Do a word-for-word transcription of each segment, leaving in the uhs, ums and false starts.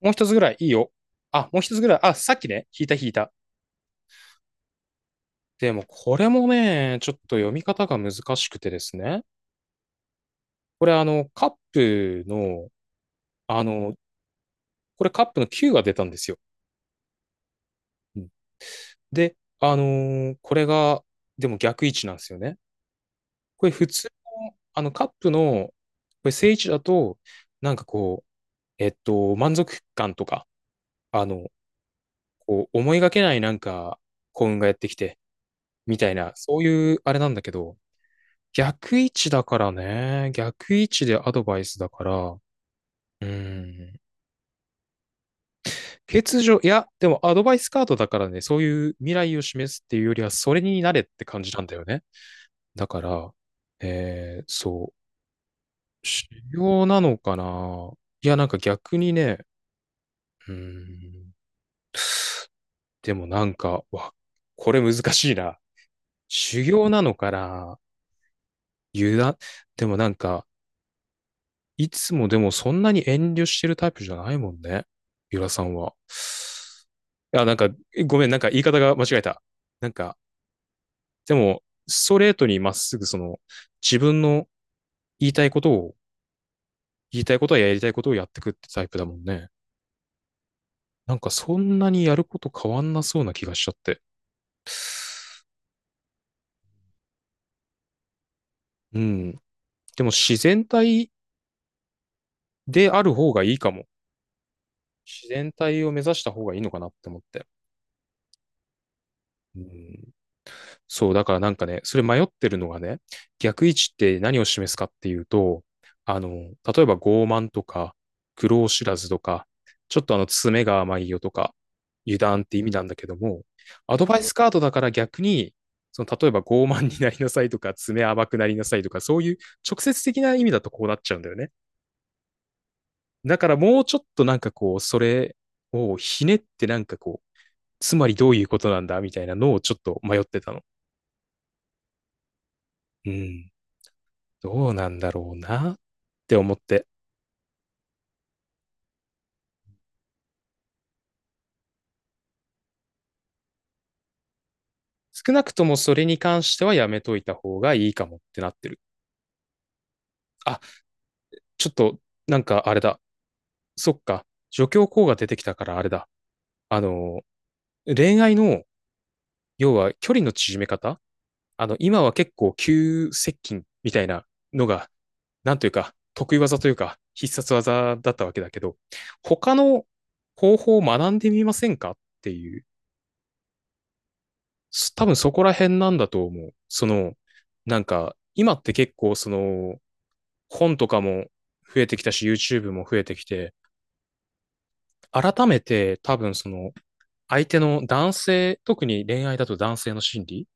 もう一つぐらいいいよ。あ、もう一つぐらい。あ、さっきね、引いた引いた。でも、これもね、ちょっと読み方が難しくてですね。これ、あの、カップの、あの、これカップのきゅうが出たんですよ。うんで、あのーこれが、でも逆位置なんですよね。これ普通、あの、カップの、これ正位置だと、なんかこう、えっと、満足感とか、あの、こう、思いがけないなんか、幸運がやってきて、みたいな、そういうあれなんだけど、逆位置だからね。逆位置でアドバイスだから。うん。欠如、いや、でもアドバイスカードだからね、そういう未来を示すっていうよりは、それになれって感じなんだよね。だから、えー、そう、修行なのかな。いや、なんか逆にね、うん、でもなんか、わ、これ難しいな。修行なのかな。油断、でもなんか、いつもでもそんなに遠慮してるタイプじゃないもんね。ゆらさんは。いや、なんか、ごめん、なんか言い方が間違えた。なんか、でも、ストレートにまっすぐその、自分の言いたいことを、言いたいことはやりたいことをやってくってタイプだもんね。なんかそんなにやること変わんなそうな気がしちゃって。うん。でも自然体である方がいいかも。自然体を目指した方がいいのかなって思って。うん。そう、だからなんかね、それ迷ってるのがね、逆位置って何を示すかっていうと、あの、例えば傲慢とか、苦労知らずとか、ちょっとあの、爪が甘いよとか、油断って意味なんだけども、アドバイスカードだから逆に、その、例えば傲慢になりなさいとか、爪甘くなりなさいとか、そういう直接的な意味だとこうなっちゃうんだよね。だからもうちょっとなんかこう、それをひねってなんかこう、つまりどういうことなんだみたいなのをちょっと迷ってたの。うん。どうなんだろうなって思って、少なくともそれに関してはやめといた方がいいかもってなってる。あ、ちょっと、なんかあれだ。そっか。助教講が出てきたからあれだ。あの、恋愛の、要は距離の縮め方、あの、今は結構急接近みたいなのが、なんというか、得意技というか、必殺技だったわけだけど、他の方法を学んでみませんかっていう、多分そこら辺なんだと思う。その、なんか、今って結構その、本とかも増えてきたし、YouTube も増えてきて、改めて多分その、相手の男性、特に恋愛だと男性の心理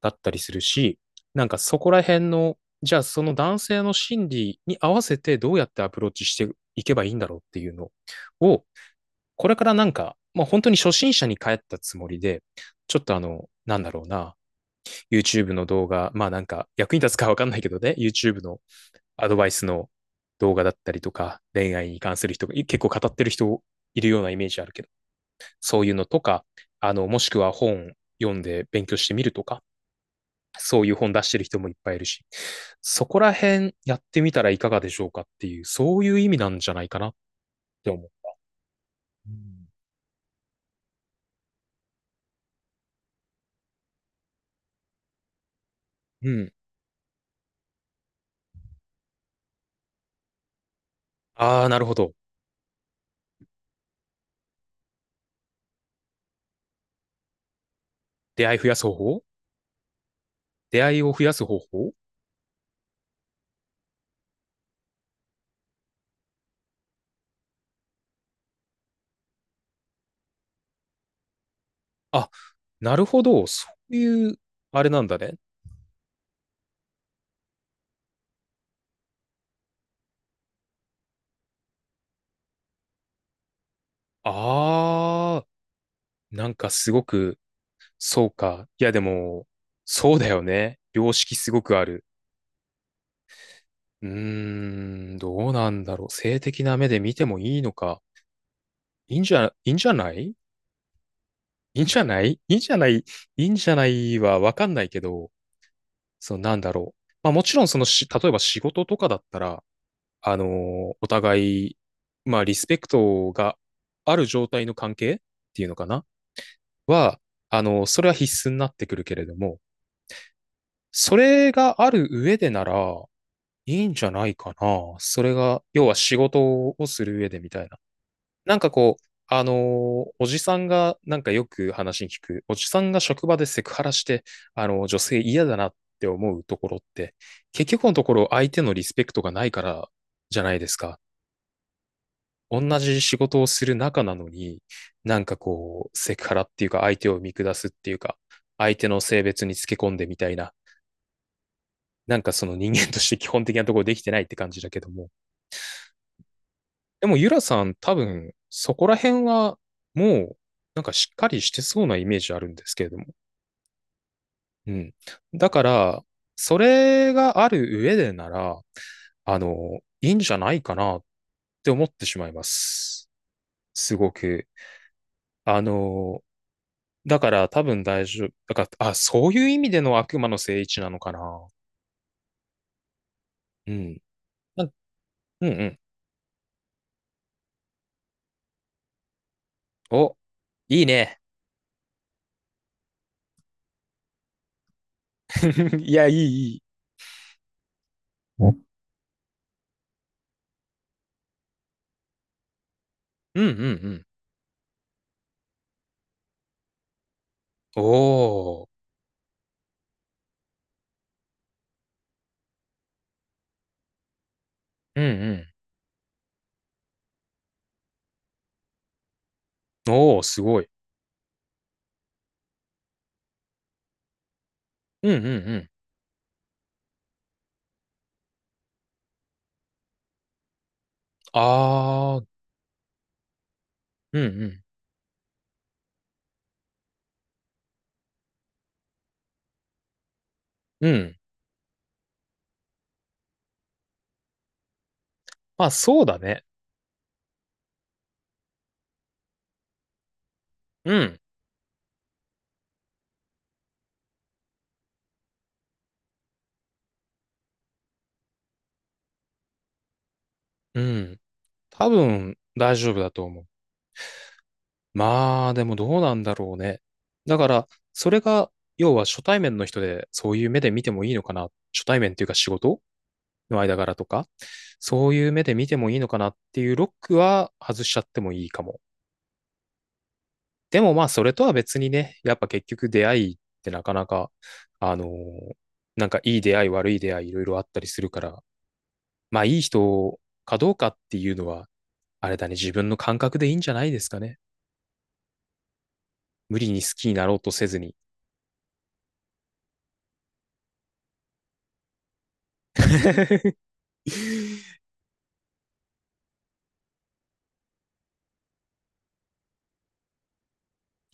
だったりするし、なんかそこら辺の、じゃあその男性の心理に合わせてどうやってアプローチしていけばいいんだろうっていうのを、これからなんか、まあ本当に初心者に帰ったつもりで、ちょっとあの、なんだろうな、YouTube の動画、まあなんか役に立つかわかんないけどね、YouTube のアドバイスの動画だったりとか、恋愛に関する人が結構語ってる人いるようなイメージあるけど、そういうのとか、あの、もしくは本読んで勉強してみるとか、そういう本出してる人もいっぱいいるし、そこら辺やってみたらいかがでしょうかっていう、そういう意味なんじゃないかなって思う。うん。うんああ、なるほど。出会い増やす方法出会いを増やす方法。あ、なるほど。そういう、あれなんだね。ああ、なんかすごく、そうか。いや、でも、そうだよね。良識すごくある。うーん、どうなんだろう。性的な目で見てもいいのか。いいんじゃ、いいんじゃないいいんじゃないいいんじゃないいいんじゃないはわかんないけど、そうなんだろう。まあもちろんそのし、例えば仕事とかだったら、あのーお互い、まあリスペクトがある状態の関係っていうのかなは、あのーそれは必須になってくるけれども、それがある上でなら、いいんじゃないかな。それが、要は仕事をする上でみたいな。なんかこう、あのーおじさんが、なんかよく話に聞く、おじさんが職場でセクハラして、あのー女性嫌だなって思うところって、結局のところ相手のリスペクトがないからじゃないですか。同じ仕事をする仲なのに、なんかこう、セクハラっていうか、相手を見下すっていうか、相手の性別につけ込んでみたいな、なんかその人間として基本的なところできてないって感じだけども。でもユラさん多分そこら辺はもうなんかしっかりしてそうなイメージあるんですけれども。うん。だから、それがある上でなら、あの、いいんじゃないかなって思ってしまいます。すごく。あの、だから多分大丈夫。だから、あ、そういう意味での悪魔の聖一なのかな。うん。なうんうん。お、いいね。いや、いい、いい。うんうんうん。おー。うんうん。おー、すごい。うんうんうん。あー。うんうん。うん。まあ、そうだね。うん。うん。多分、大丈夫だと思う。まあ、でもどうなんだろうね。だから、それが、要は初対面の人で、そういう目で見てもいいのかな。初対面っていうか仕事の間柄とか、そういう目で見てもいいのかなっていうロックは外しちゃってもいいかも。でもまあ、それとは別にね、やっぱ結局出会いってなかなか、あのーなんかいい出会い、悪い出会い、いろいろあったりするから、まあいい人かどうかっていうのは、あれだね、自分の感覚でいいんじゃないですかね。無理に好きになろうとせずに。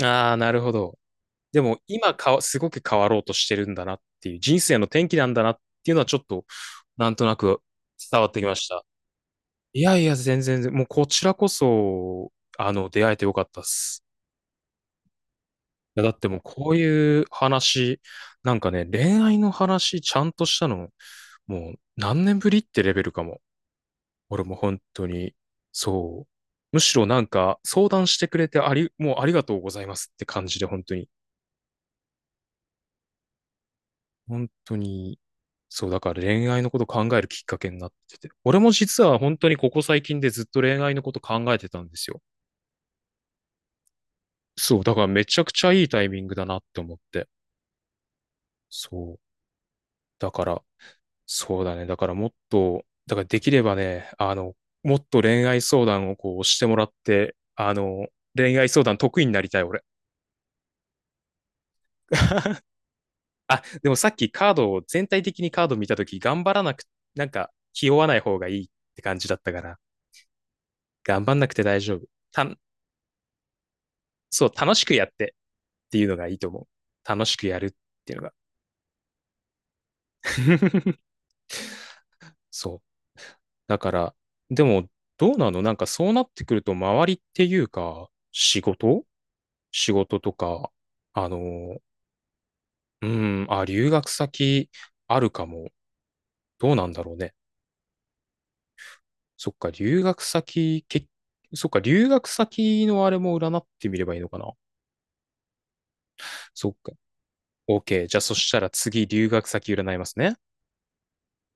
ああ、なるほど。でも今かすごく変わろうとしてるんだなっていう、人生の転機なんだなっていうのはちょっと、なんとなく伝わってきました。いやいや、全然、もうこちらこそ、あの、出会えてよかったっす。や、だってもうこういう話、なんかね、恋愛の話ちゃんとしたの、もう何年ぶりってレベルかも。俺も本当に、そう。むしろなんか相談してくれてあり、もうありがとうございますって感じで本当に、本当に、そう、だから恋愛のこと考えるきっかけになってて。俺も実は本当にここ最近でずっと恋愛のこと考えてたんですよ。そう、だからめちゃくちゃいいタイミングだなって思って。そう。だから、そうだね。だからもっと、だからできればね、あの、もっと恋愛相談をこうしてもらって、あの、恋愛相談得意になりたい、俺。あ、でもさっきカードを、全体的にカード見たとき、頑張らなく、なんか、気負わない方がいいって感じだったから、頑張んなくて大丈夫。たん、そう、楽しくやってっていうのがいいと思う。楽しくやるっていうのが。そう。だから、でも、どうなのなんかそうなってくると、周りっていうか、仕事仕事とか、あの、うん、あ、留学先あるかも。どうなんだろうね。そっか、留学先、け、そっか、留学先のあれも占ってみればいいのかな。そっか。OK。じゃあ、そしたら次、留学先占いますね。